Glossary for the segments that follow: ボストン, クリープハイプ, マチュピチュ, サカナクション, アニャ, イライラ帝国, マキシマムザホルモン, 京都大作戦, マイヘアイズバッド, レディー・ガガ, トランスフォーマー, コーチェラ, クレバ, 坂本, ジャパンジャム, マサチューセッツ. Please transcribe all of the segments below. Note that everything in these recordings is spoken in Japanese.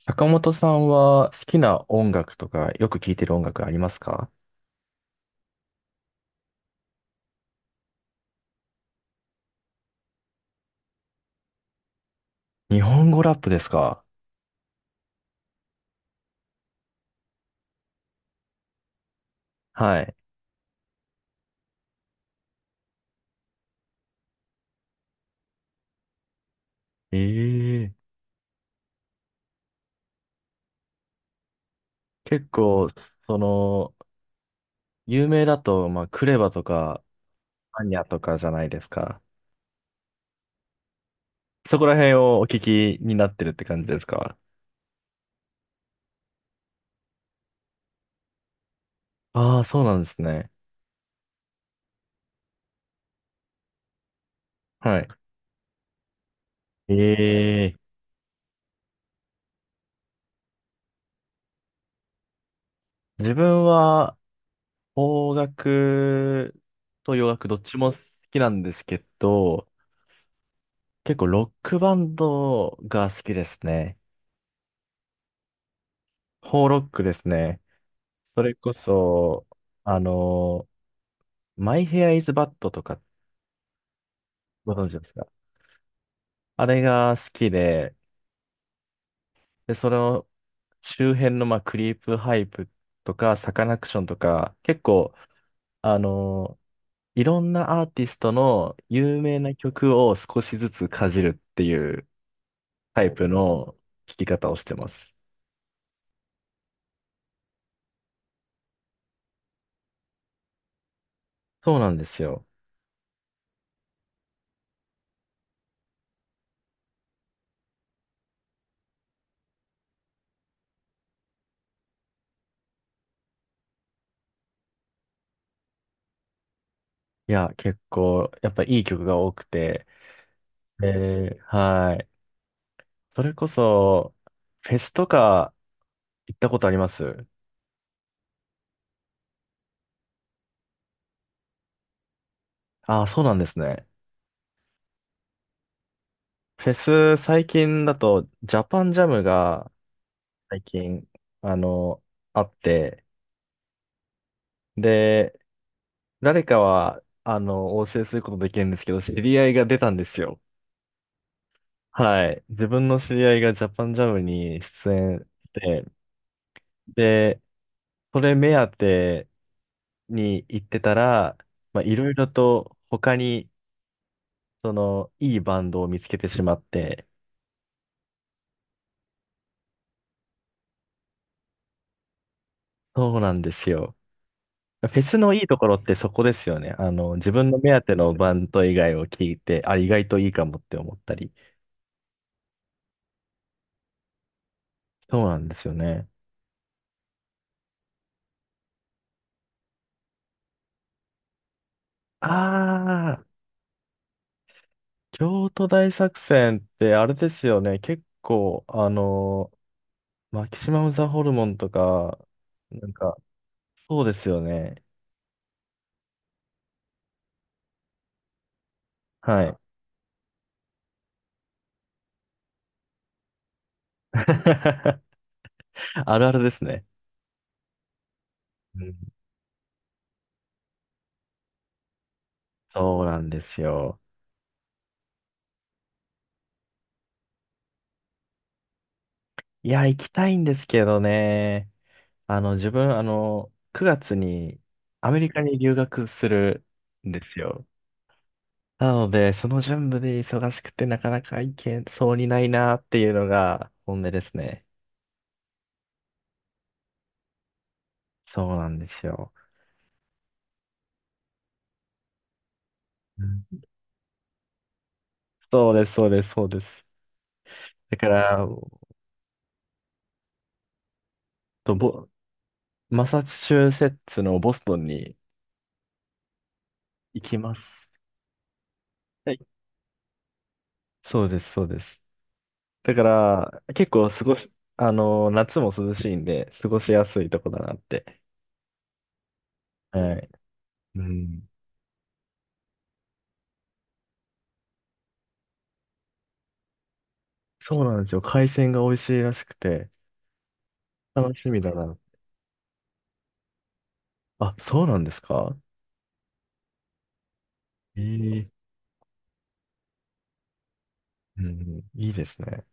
坂本さんは好きな音楽とかよく聴いてる音楽ありますか？日本語ラップですか？はい。ええ。結構、その、有名だと、クレバとか、アニャとかじゃないですか。そこら辺をお聞きになってるって感じですか？ああー、そうなんですね。はい。ええ。自分は、邦楽と洋楽どっちも好きなんですけど、結構ロックバンドが好きですね。ホーロックですね。それこそ、あの、マイヘアイズバッドとか、ご存知ですか？あれが好きで、で、その周辺の、クリープハイプとか、サカナクションとか、結構、あの、いろんなアーティストの有名な曲を少しずつかじるっていうタイプの聴き方をしてます。そうなんですよ。いや、結構、やっぱいい曲が多くて、えー、はい。それこそ、フェスとか行ったことありますああー、そうなんですね。フェス最近だと、ジャパンジャムが最近、あの、あって、で、誰かは、お教えすることできるんですけど、知り合いが出たんですよ。はい。自分の知り合いがジャパンジャムに出演して、で、それ目当てに行ってたら、いろいろと他に、いいバンドを見つけてしまって、そうなんですよ。フェスのいいところってそこですよね。あの、自分の目当てのバンド以外を聞いて、あ、意外といいかもって思ったり。そうなんですよね。ああ、京都大作戦ってあれですよね。結構、マキシマムザホルモンとか、なんか、そうですよね。はい。あるあるですね。うん。そうなんですよ。いや、行きたいんですけどね。あの、自分、9月にアメリカに留学するんですよ。なので、その準備で忙しくてなかなか行けそうにないなっていうのが本音ですね。そうなんですよ。うん。そうです、そうです、そうです。だから、とボ、マサチューセッツのボストンに行きます。はい。そうです、そうです。だから、結構過ごし、夏も涼しいんで、過ごしやすいとこだなって。はい。うん。そうなんですよ。海鮮が美味しいらしくて、楽しみだな。あ、そうなんですか？ええ。うんうん、いいですね。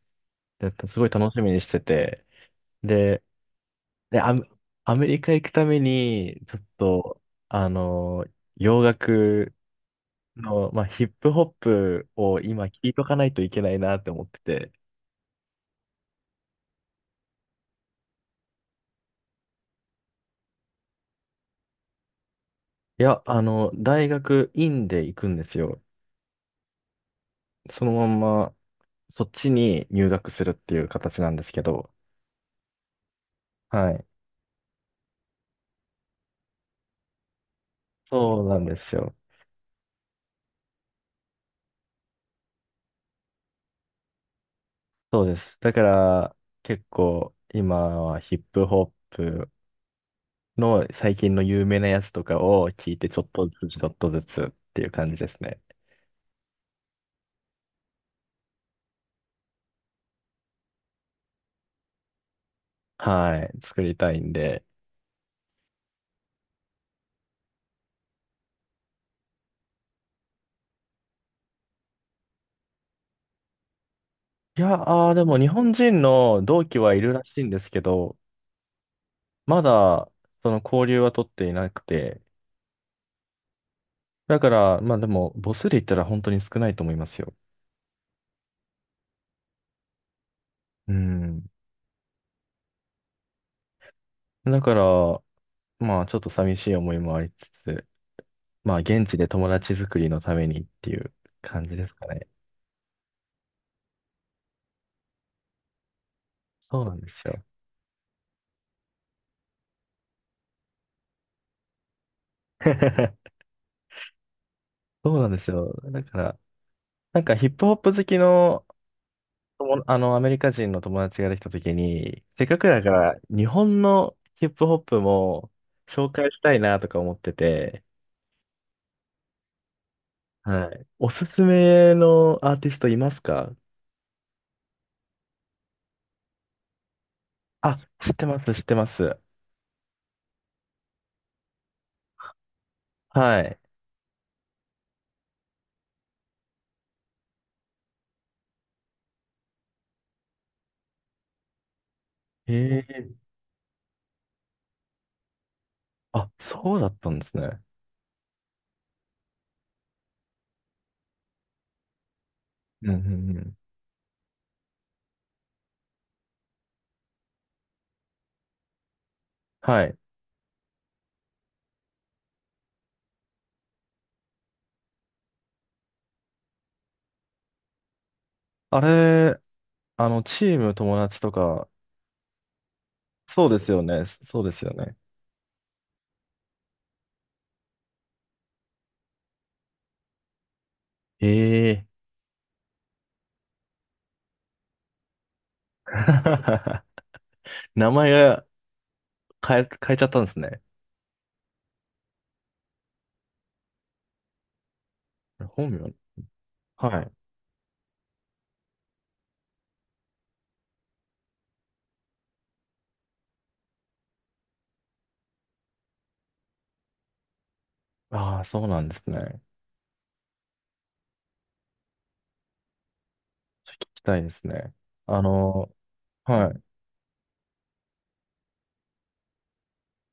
だってすごい楽しみにしてて。で、で、アメリカ行くために、ちょっと、あの、洋楽の、ヒップホップを今聞いとかないといけないなって思ってて。いや、大学院で行くんですよ。そのまんま、そっちに入学するっていう形なんですけど。はい。そうなんですよ。そうです。だから、結構、今はヒップホップの最近の有名なやつとかを聞いて、ちょっとずつ、ちょっとずつっていう感じですね。はい。作りたいんで。いや、あーでも日本人の同期はいるらしいんですけど、まだ、その交流は取っていなくて、だから、まあでも、母数で言ったら本当に少ないと思いますよ。うん。だから、ちょっと寂しい思いもありつつ、まあ、現地で友達作りのためにっていう感じですかね。そうなんですよ。そうなんですよ。だから、なんかヒップホップ好きの、友あの、アメリカ人の友達ができたときに、せっかくだから、日本のヒップホップも紹介したいなとか思ってて、はい。おすすめのアーティストいますか？あ、知ってます、知ってます。はい。へえ。あ、そうだったんですね。うんうんうん。はい。あれ、チーム友達とか、そうですよね。そうですよね。へえ。名前が変えちゃったんですね。本名。はい。ああ、そうなんですね。聞きたいですね。あの、はい。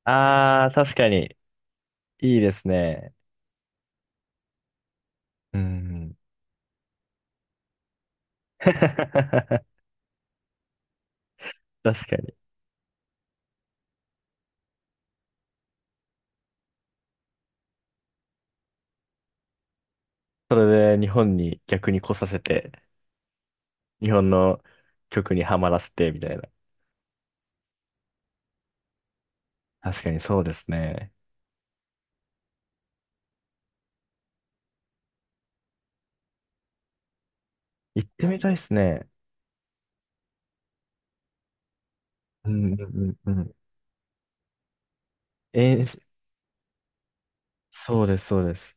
ああ、確かに、いいですね。うん。確かに。それで日本に逆に来させて、日本の曲にはまらせて、みたいな。確かにそうですね。行ってみたいですね。うんうんうんうん。えー、そうです、そうです。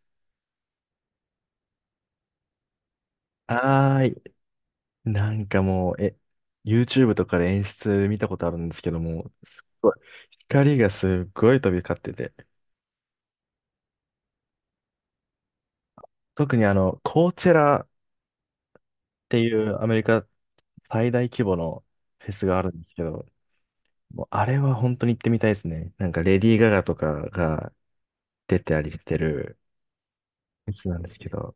あーい。なんかもう、YouTube とかで演出見たことあるんですけども、すっごい、光がすっごい飛び交ってて、特にあの、コーチェラっていうアメリカ最大規模のフェスがあるんですけど、もうあれは本当に行ってみたいですね。なんかレディー・ガガとかが出てたりしてるフェスなんですけど、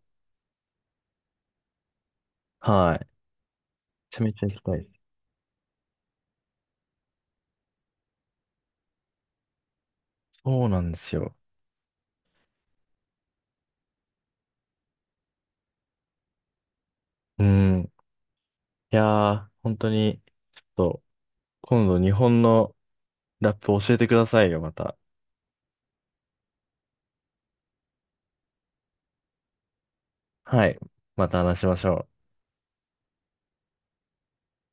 はい。めちゃめちゃ行きたいです。そうなんですよ。うん。いやー、本当に、そう、今度日本のラップ教えてくださいよ、また。はい。また話しましょう。